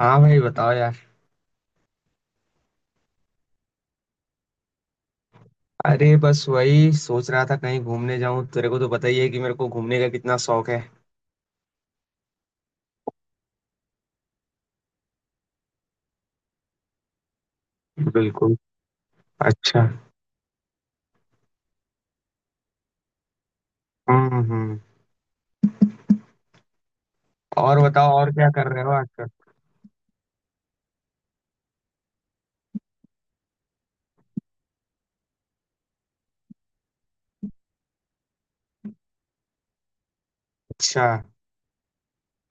हाँ भाई बताओ यार। अरे बस वही सोच रहा था कहीं घूमने जाऊं तेरे को तो पता ही है कि मेरे को घूमने का कितना शौक है। बिल्कुल। अच्छा। हम्म। और बताओ और क्या कर रहे हो आजकल। अच्छा।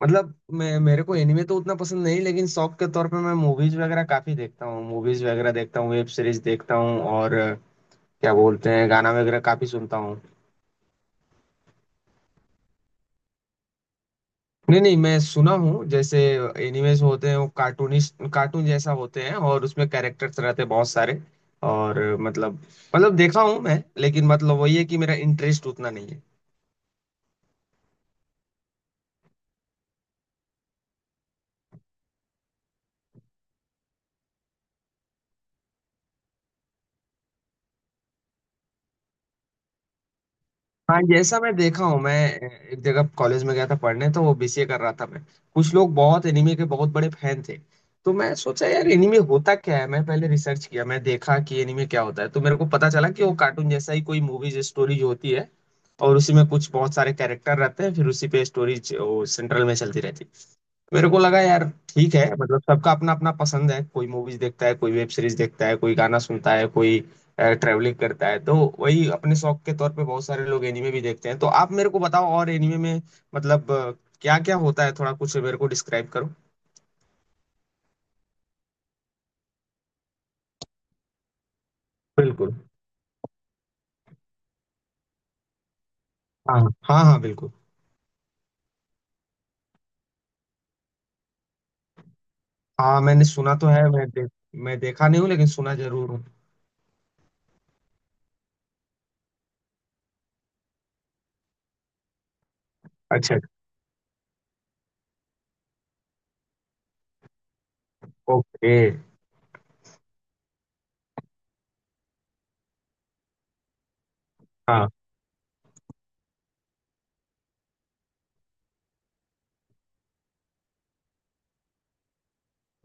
मतलब मैं मेरे को एनिमे तो उतना पसंद नहीं लेकिन शौक के तौर पे मैं मूवीज वगैरह काफी देखता हूँ मूवीज वगैरह देखता हूँ वेब सीरीज देखता हूँ और क्या बोलते हैं गाना वगैरह काफी सुनता हूँ। नहीं नहीं मैं सुना हूँ जैसे एनिमेज होते हैं वो कार्टून जैसा होते हैं और उसमें कैरेक्टर्स रहते हैं बहुत सारे। और मतलब देखा हूँ मैं लेकिन मतलब वही है कि मेरा इंटरेस्ट उतना नहीं है। हाँ जैसा मैं देखा हूँ मैं एक जगह कॉलेज में गया था पढ़ने तो वो बीसीए कर रहा था मैं कुछ लोग बहुत एनीमे के बहुत बड़े फैन थे तो मैं सोचा यार एनीमे होता क्या है मैं पहले रिसर्च किया मैं देखा कि एनीमे क्या होता है तो मेरे को पता चला कि वो कार्टून जैसा ही कोई मूवीज स्टोरी जो होती है और उसी में कुछ बहुत सारे कैरेक्टर रहते हैं फिर उसी पे स्टोरीज सेंट्रल में चलती रहती है। मेरे को लगा यार ठीक है मतलब सबका अपना अपना पसंद है कोई मूवीज देखता है कोई वेब सीरीज देखता है कोई गाना सुनता है कोई ट्रैवलिंग करता है तो वही अपने शौक के तौर पे बहुत सारे लोग एनिमे भी देखते हैं। तो आप मेरे को बताओ और एनिमे में मतलब क्या क्या होता है थोड़ा कुछ मेरे को डिस्क्राइब करो। बिल्कुल। हाँ हाँ हाँ बिल्कुल। हाँ मैंने सुना तो है मैं मैं देखा नहीं हूँ लेकिन सुना जरूर हूँ। अच्छा। ओके। हाँ।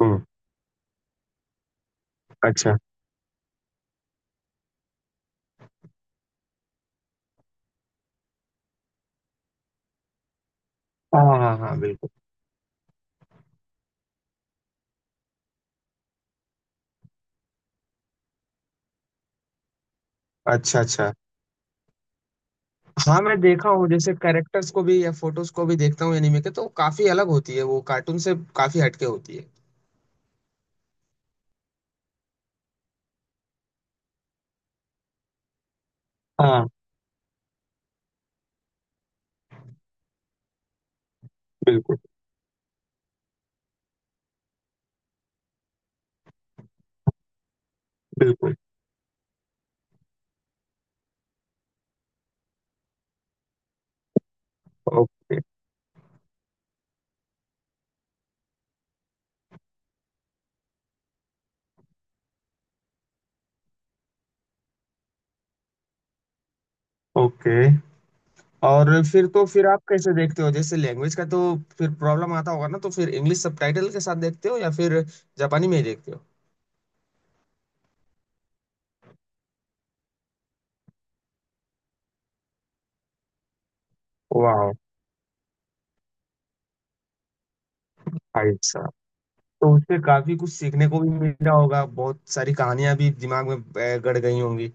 हम्म। अच्छा। हाँ हाँ हाँ बिल्कुल। अच्छा अच्छा। हाँ मैं देखा हूँ जैसे कैरेक्टर्स को भी या फोटोज को भी देखता हूँ एनिमे के तो काफी अलग होती है वो कार्टून से काफी हटके होती है। हाँ बिल्कुल बिल्कुल। Okay okay. और फिर तो फिर आप कैसे देखते हो जैसे लैंग्वेज का तो फिर प्रॉब्लम आता होगा ना तो फिर इंग्लिश सबटाइटल के साथ देखते हो या फिर जापानी में ही देखते हो। वाह। भाई साहब। तो उससे काफी कुछ सीखने को भी मिला होगा बहुत सारी कहानियां भी दिमाग में गड़ गई होंगी।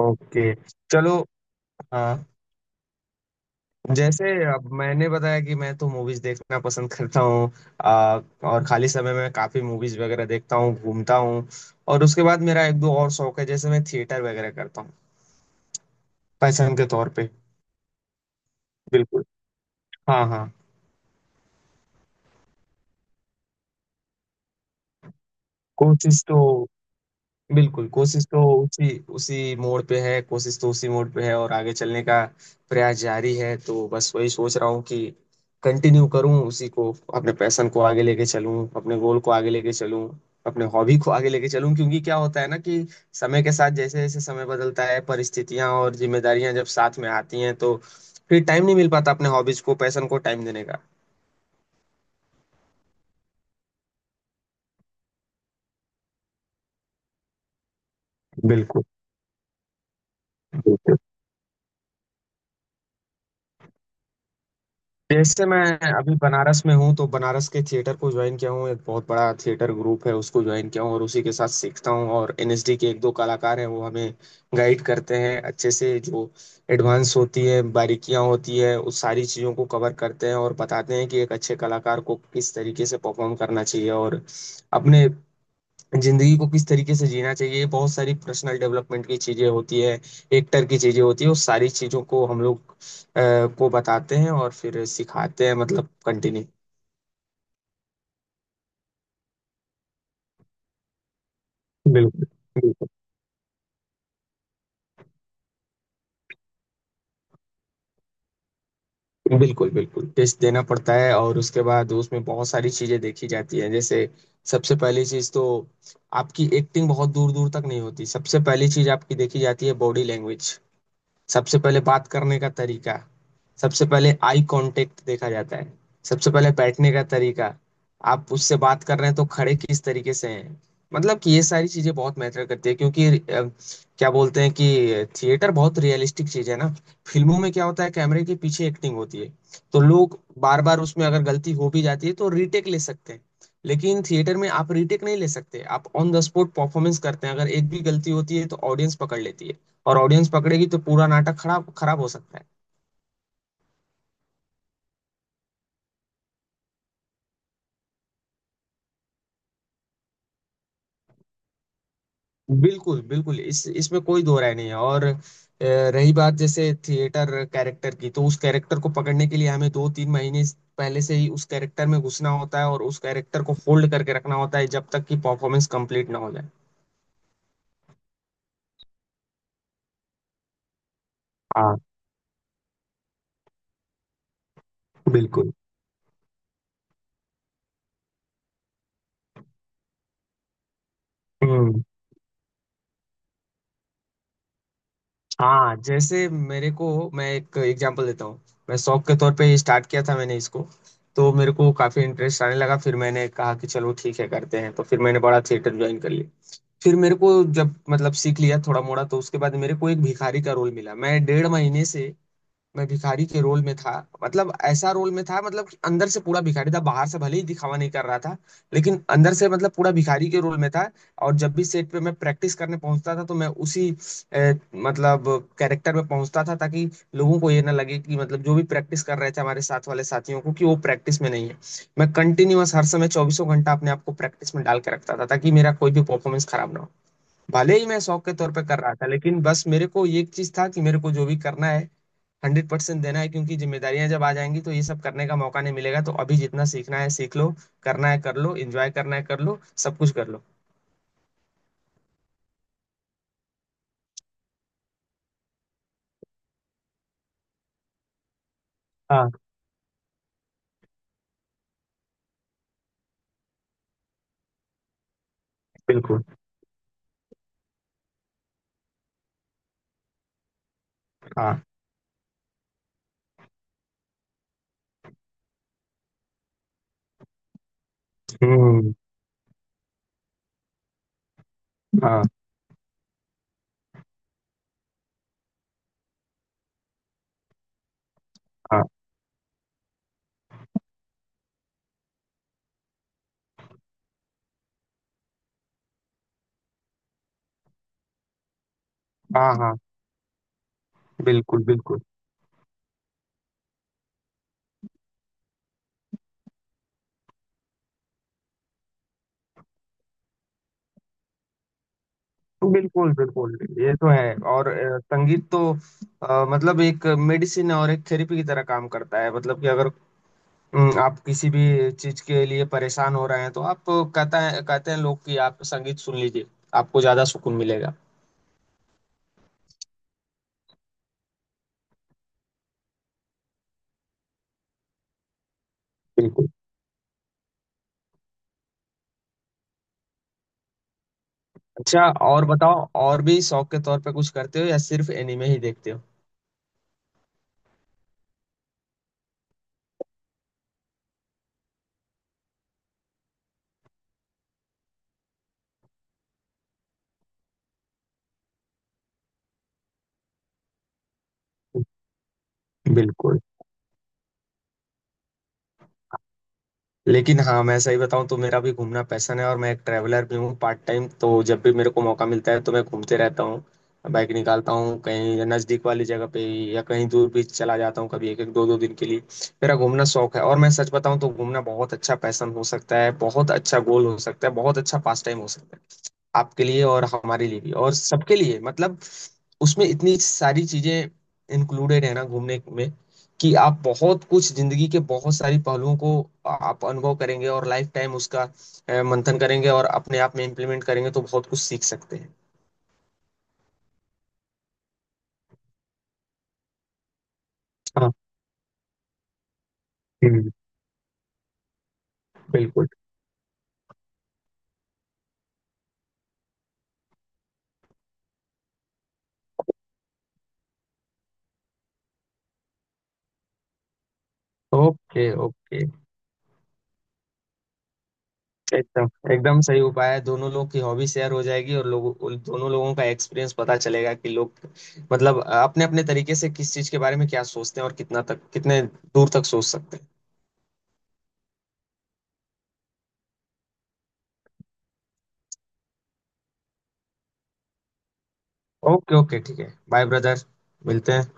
ओके। चलो। हाँ जैसे अब मैंने बताया कि मैं तो मूवीज देखना पसंद करता हूँ आ, और खाली समय में काफी मूवीज वगैरह देखता हूँ घूमता हूँ और उसके बाद मेरा एक दो और शौक है जैसे मैं थिएटर वगैरह करता हूँ पैशन के तौर पे। बिल्कुल। हाँ हाँ। कोशिश तो। बिल्कुल कोशिश तो उसी उसी मोड़ पे है कोशिश तो उसी मोड़ पे है और आगे चलने का प्रयास जारी है तो बस वही सोच रहा हूँ कि कंटिन्यू करूँ उसी को अपने पैशन को आगे लेके चलूँ अपने गोल को आगे लेके चलूँ अपने हॉबी को आगे लेके चलूँ क्योंकि क्या होता है ना कि समय के साथ जैसे जैसे समय बदलता है परिस्थितियां और जिम्मेदारियां जब साथ में आती हैं तो फिर टाइम नहीं मिल पाता अपने हॉबीज को पैशन को टाइम देने का। बिल्कुल। जैसे मैं अभी बनारस में हूँ तो बनारस के थिएटर को ज्वाइन किया हूँ एक बहुत बड़ा थिएटर ग्रुप है उसको ज्वाइन किया हूँ और उसी के साथ सीखता हूँ और एनएसडी के एक दो कलाकार हैं वो हमें गाइड करते हैं अच्छे से जो एडवांस होती है बारीकियाँ होती है उस सारी चीज़ों को कवर करते हैं और बताते हैं कि एक अच्छे कलाकार को किस तरीके से परफॉर्म करना चाहिए और अपने जिंदगी को किस तरीके से जीना चाहिए बहुत सारी पर्सनल डेवलपमेंट की चीजें होती है एक्टर की चीजें होती है उस सारी चीजों को हम लोग को बताते हैं और फिर सिखाते हैं मतलब कंटिन्यू। बिल्कुल बिल्कुल। बिल्कुल बिल्कुल टेस्ट देना पड़ता है और उसके बाद उसमें बहुत सारी चीजें देखी जाती हैं जैसे सबसे पहली चीज तो आपकी एक्टिंग बहुत दूर दूर तक नहीं होती सबसे पहली चीज आपकी देखी जाती है बॉडी लैंग्वेज। सबसे पहले बात करने का तरीका। सबसे पहले आई कांटेक्ट देखा जाता है। सबसे पहले बैठने का तरीका। आप उससे बात कर रहे हैं तो खड़े किस तरीके से हैं। मतलब कि ये सारी चीजें बहुत मैटर करती है क्योंकि क्या बोलते हैं कि थिएटर बहुत रियलिस्टिक चीज है ना। फिल्मों में क्या होता है कैमरे के पीछे एक्टिंग होती है तो लोग बार बार उसमें अगर गलती हो भी जाती है तो रीटेक ले सकते हैं। लेकिन थिएटर में आप रीटेक नहीं ले सकते आप ऑन द स्पॉट परफॉर्मेंस करते हैं अगर एक भी गलती होती है तो ऑडियंस पकड़ लेती है और ऑडियंस पकड़ेगी तो पूरा नाटक खराब खराब हो सकता है। बिल्कुल बिल्कुल इस इसमें कोई दो राय नहीं है और रही बात जैसे थिएटर कैरेक्टर की तो उस कैरेक्टर को पकड़ने के लिए हमें 2-3 महीने पहले से ही उस कैरेक्टर में घुसना होता है और उस कैरेक्टर को होल्ड करके रखना होता है जब तक कि परफॉर्मेंस कंप्लीट ना हो जाए। हाँ। बिल्कुल। हम्म। हाँ जैसे मेरे को मैं एक एग्जांपल देता हूँ मैं शौक के तौर पे स्टार्ट किया था मैंने इसको तो मेरे को काफी इंटरेस्ट आने लगा फिर मैंने कहा कि चलो ठीक है करते हैं तो फिर मैंने बड़ा थिएटर ज्वाइन कर लिया फिर मेरे को जब मतलब सीख लिया थोड़ा मोड़ा तो उसके बाद मेरे को एक भिखारी का रोल मिला मैं 1.5 महीने से मैं भिखारी के रोल में था। मतलब ऐसा रोल में था मतलब कि अंदर से पूरा भिखारी था बाहर से भले ही दिखावा नहीं कर रहा था लेकिन अंदर से मतलब पूरा भिखारी के रोल में था। और जब भी सेट पे मैं प्रैक्टिस करने पहुंचता था तो मैं उसी मतलब कैरेक्टर में पहुंचता था ताकि लोगों को ये ना लगे कि मतलब जो भी प्रैक्टिस कर रहे थे हमारे साथ वाले साथियों को कि वो प्रैक्टिस में नहीं है। मैं कंटिन्यूअस हर समय चौबीसों घंटा अपने आप को प्रैक्टिस में डाल के रखता था ताकि मेरा कोई भी परफॉर्मेंस खराब ना हो। भले ही मैं शौक के तौर पे कर रहा था लेकिन बस मेरे को ये एक चीज था कि मेरे को जो भी करना है 100% देना है क्योंकि जिम्मेदारियां जब आ जाएंगी तो ये सब करने का मौका नहीं मिलेगा तो अभी जितना सीखना है सीख लो करना है कर लो एंजॉय करना है कर लो सब कुछ कर लो। हाँ। बिल्कुल। हाँ। हम्म। हाँ हाँ हाँ हाँ बिल्कुल बिल्कुल बिल्कुल बिल्कुल। ये तो है और संगीत तो मतलब एक मेडिसिन और एक थेरेपी की तरह काम करता है मतलब कि अगर आप किसी भी चीज के लिए परेशान हो रहे हैं तो आप कहते हैं लोग कि आप संगीत सुन लीजिए आपको ज्यादा सुकून मिलेगा। बिल्कुल। अच्छा और बताओ और भी शौक के तौर पे कुछ करते हो या सिर्फ एनिमे ही देखते हो। बिल्कुल। लेकिन हाँ मैं सही बताऊँ तो मेरा भी घूमना पैशन है और मैं एक ट्रैवलर भी हूँ पार्ट टाइम तो जब भी मेरे को मौका मिलता है तो मैं घूमते रहता हूँ बाइक निकालता हूँ कहीं नज़दीक वाली जगह पे ही, या कहीं दूर भी चला जाता हूँ कभी एक एक दो दो दिन के लिए। मेरा घूमना शौक है और मैं सच बताऊँ तो घूमना बहुत अच्छा पैशन हो सकता है बहुत अच्छा गोल हो सकता है बहुत अच्छा पास टाइम हो सकता है आपके लिए और हमारे लिए भी और सबके लिए मतलब उसमें इतनी सारी चीजें इंक्लूडेड है ना घूमने में कि आप बहुत कुछ जिंदगी के बहुत सारी पहलुओं को आप अनुभव करेंगे और लाइफ टाइम उसका मंथन करेंगे और अपने आप में इम्प्लीमेंट करेंगे तो बहुत कुछ सीख सकते हैं। हाँ। हम्म। बिल्कुल। Okay okay. एकदम एकदम सही उपाय है दोनों लोग की हॉबी शेयर हो जाएगी और लोगों उन दोनों लोगों का एक्सपीरियंस पता चलेगा कि लोग मतलब अपने अपने तरीके से किस चीज के बारे में क्या सोचते हैं और कितना तक कितने दूर तक सोच सकते हैं। ओके ओके ठीक है बाय ब्रदर मिलते हैं।